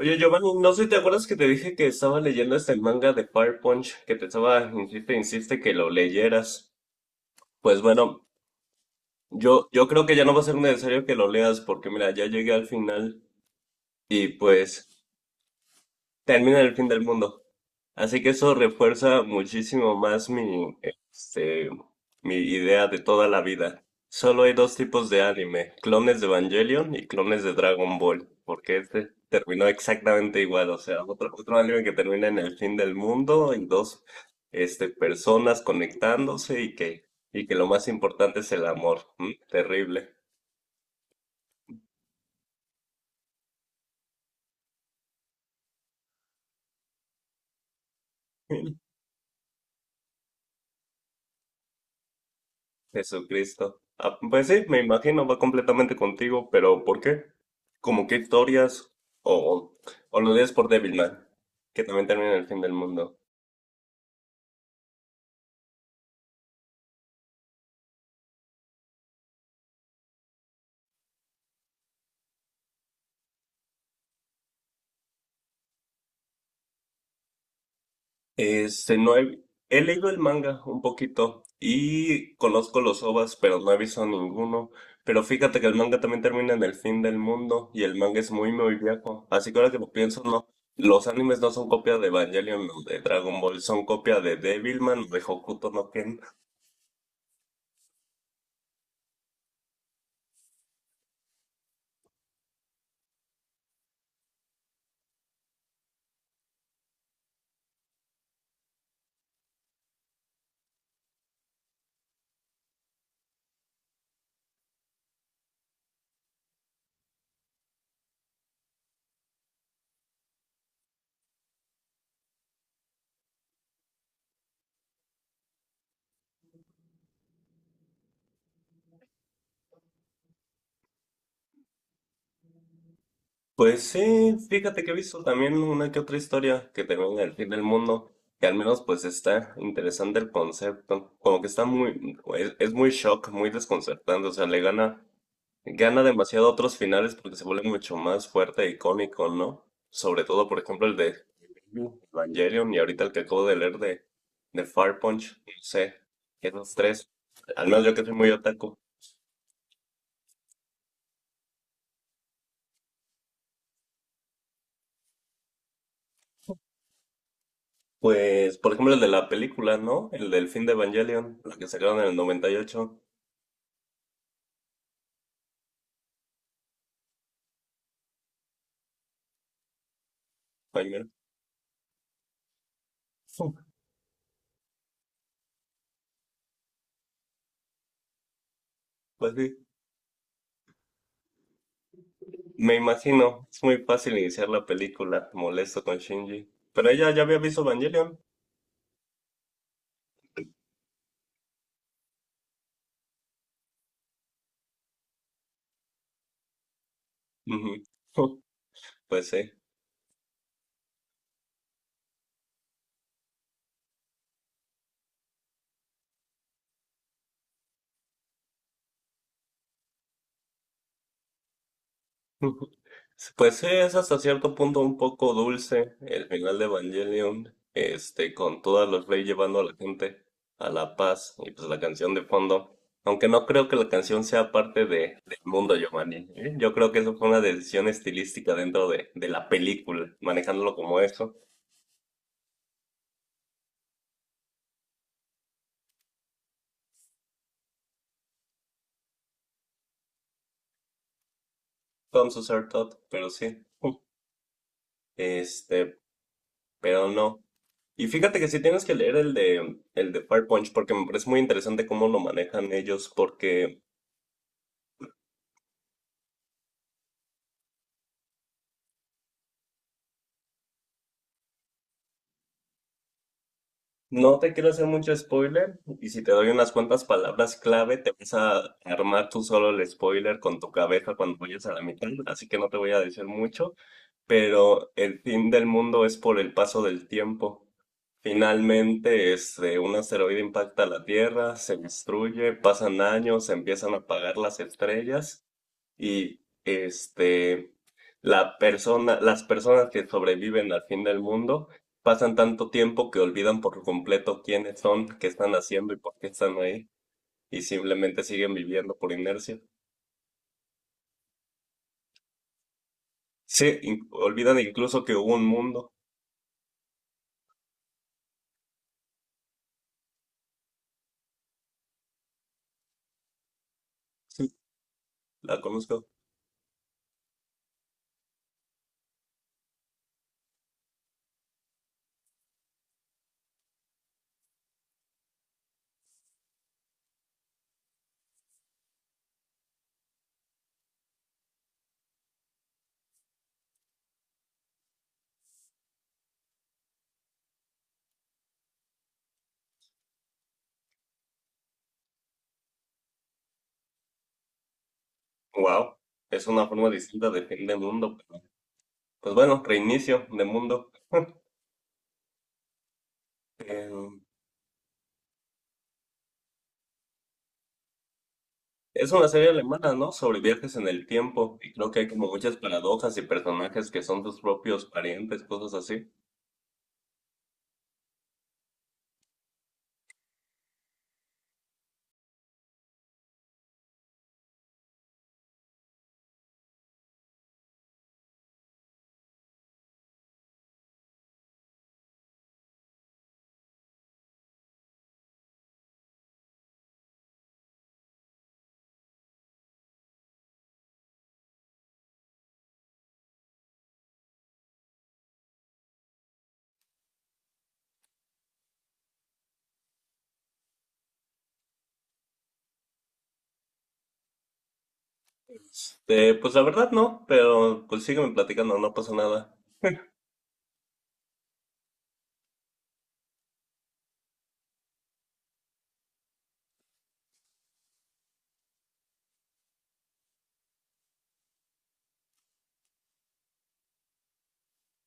Oye, Giovanni, no sé si te acuerdas que te dije que estaba leyendo este manga de Fire Punch, que insiste que lo leyeras. Pues bueno, yo creo que ya no va a ser necesario que lo leas, porque mira, ya llegué al final y pues termina el fin del mundo. Así que eso refuerza muchísimo más mi idea de toda la vida. Solo hay dos tipos de anime, clones de Evangelion y clones de Dragon Ball, porque este terminó exactamente igual, o sea, otro anime que termina en el fin del mundo y dos, personas conectándose y que lo más importante es el amor. ¿M? Terrible. Jesucristo. Ah, pues sí, me imagino, va completamente contigo, pero ¿por qué? ¿Como qué historias? O, o lo lees por Devilman, que también termina en el fin del mundo. Este, no he, he leído el manga un poquito y conozco los OVAs, pero no he visto ninguno. Pero fíjate que el manga también termina en el fin del mundo y el manga es muy, muy viejo. Así que ahora que lo pienso, no. Los animes no son copia de Evangelion o de Dragon Ball, son copia de Devilman o de Hokuto no Ken. Pues sí, fíjate que he visto también una que otra historia que termina en el fin del mundo, que al menos pues está interesante el concepto, como que está muy, es muy shock, muy desconcertante, o sea, le gana demasiado a otros finales porque se vuelve mucho más fuerte e icónico, ¿no? Sobre todo, por ejemplo, el de Evangelion y ahorita el que acabo de leer de Fire Punch, no sé, esos tres, al menos yo que soy muy otaku. Pues, por ejemplo, el de la película, ¿no? El del fin de Evangelion, la que sacaron en el noventa y ocho. Ay, mira. Fu. Pues sí, me imagino, es muy fácil iniciar la película, molesto con Shinji. Pero ella ya había visto Evangelion. Ujú. Fu. Pues sí. Ujú. Pues sí, es hasta cierto punto un poco dulce el final de Evangelion, con todas las leyes llevando a la gente a la paz y pues la canción de fondo. Aunque no creo que la canción sea parte del mundo, Giovanni. ¿Eh? Yo creo que eso fue una decisión estilística dentro de la película, manejándolo como eso, con su ser tot, pero sí. Este, pero no. Y fíjate que sí tienes que leer el de Fire Punch porque me parece muy interesante cómo lo manejan ellos, porque no te quiero hacer mucho spoiler y si te doy unas cuantas palabras clave, te vas a armar tú solo el spoiler con tu cabeza cuando vayas a la mitad, así que no te voy a decir mucho, pero el fin del mundo es por el paso del tiempo. Finalmente, un asteroide impacta la Tierra, se destruye, pasan años, se empiezan a apagar las estrellas y las personas que sobreviven al fin del mundo pasan tanto tiempo que olvidan por completo quiénes son, qué están haciendo y por qué están ahí, y simplemente siguen viviendo por inercia. Sí, olvidan incluso que hubo un mundo. Sí, la conozco. Wow, es una forma distinta de fin del mundo. Pues bueno, reinicio de mundo. Em, Es una serie alemana, ¿no? Sobre viajes en el tiempo. Y creo que hay como muchas paradojas y personajes que son tus propios parientes, cosas así. Pues la verdad no, pero pues sígueme platicando, no pasa nada.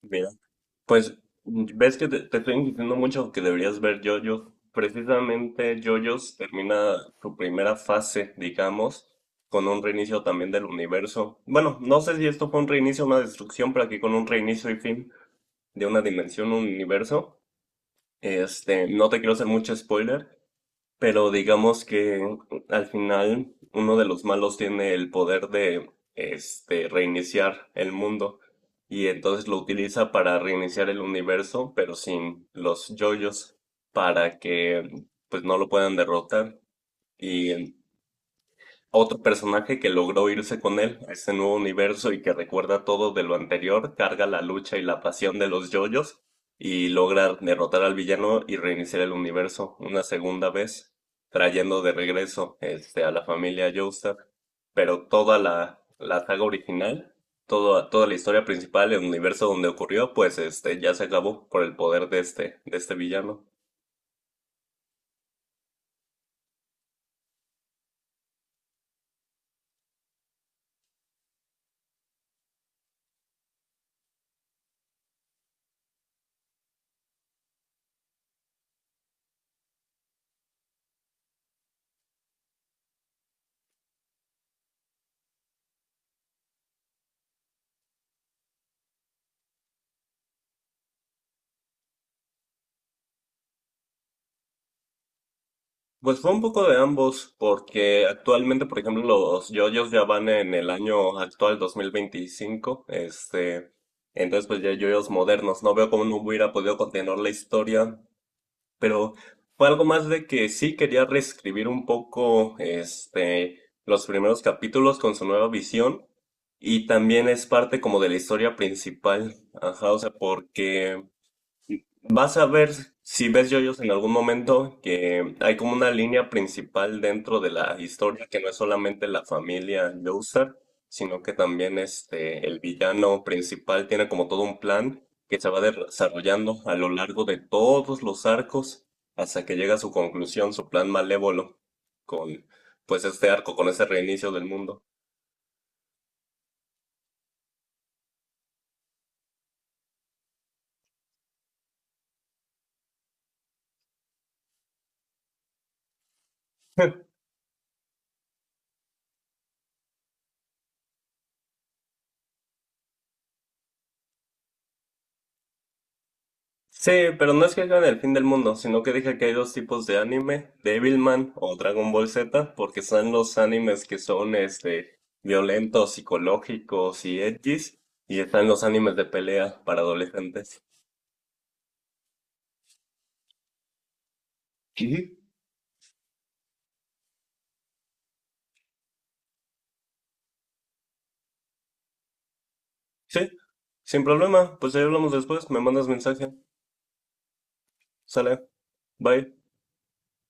Mira, pues ves que te estoy insistiendo mucho que deberías ver JoJo's. Precisamente JoJo's termina su primera fase, digamos, con un reinicio también del universo. Bueno, no sé si esto fue un reinicio o una destrucción, pero aquí con un reinicio y fin de una dimensión, un universo. No te quiero hacer mucho spoiler, pero digamos que al final uno de los malos tiene el poder de reiniciar el mundo y entonces lo utiliza para reiniciar el universo, pero sin los yoyos para que pues no lo puedan derrotar y a otro personaje que logró irse con él a ese nuevo universo y que recuerda todo de lo anterior, carga la lucha y la pasión de los yoyos y logra derrotar al villano y reiniciar el universo una segunda vez, trayendo de regreso a la familia Joestar. Pero toda la saga original, toda la historia principal, el universo donde ocurrió, pues ya se acabó por el poder de este villano. Pues fue un poco de ambos, porque actualmente, por ejemplo, los yoyos ya van en el año actual 2025, entonces pues ya hay yoyos modernos, no veo cómo no hubiera podido continuar la historia, pero fue algo más de que sí quería reescribir un poco, los primeros capítulos con su nueva visión, y también es parte como de la historia principal, ajá, o sea, porque... Vas a ver si ves yoyos en algún momento que hay como una línea principal dentro de la historia que no es solamente la familia Joestar, sino que también el villano principal tiene como todo un plan que se va desarrollando a lo largo de todos los arcos hasta que llega a su conclusión, su plan malévolo con pues este arco, con ese reinicio del mundo. Sí, pero no es que hagan el fin del mundo, sino que dije que hay dos tipos de anime, Devilman o Dragon Ball Z, porque están los animes que son violentos, psicológicos y edgys, y están los animes de pelea para adolescentes. ¿Qué? Sí, sin problema, pues ahí hablamos después, me mandas mensaje. Sale, bye.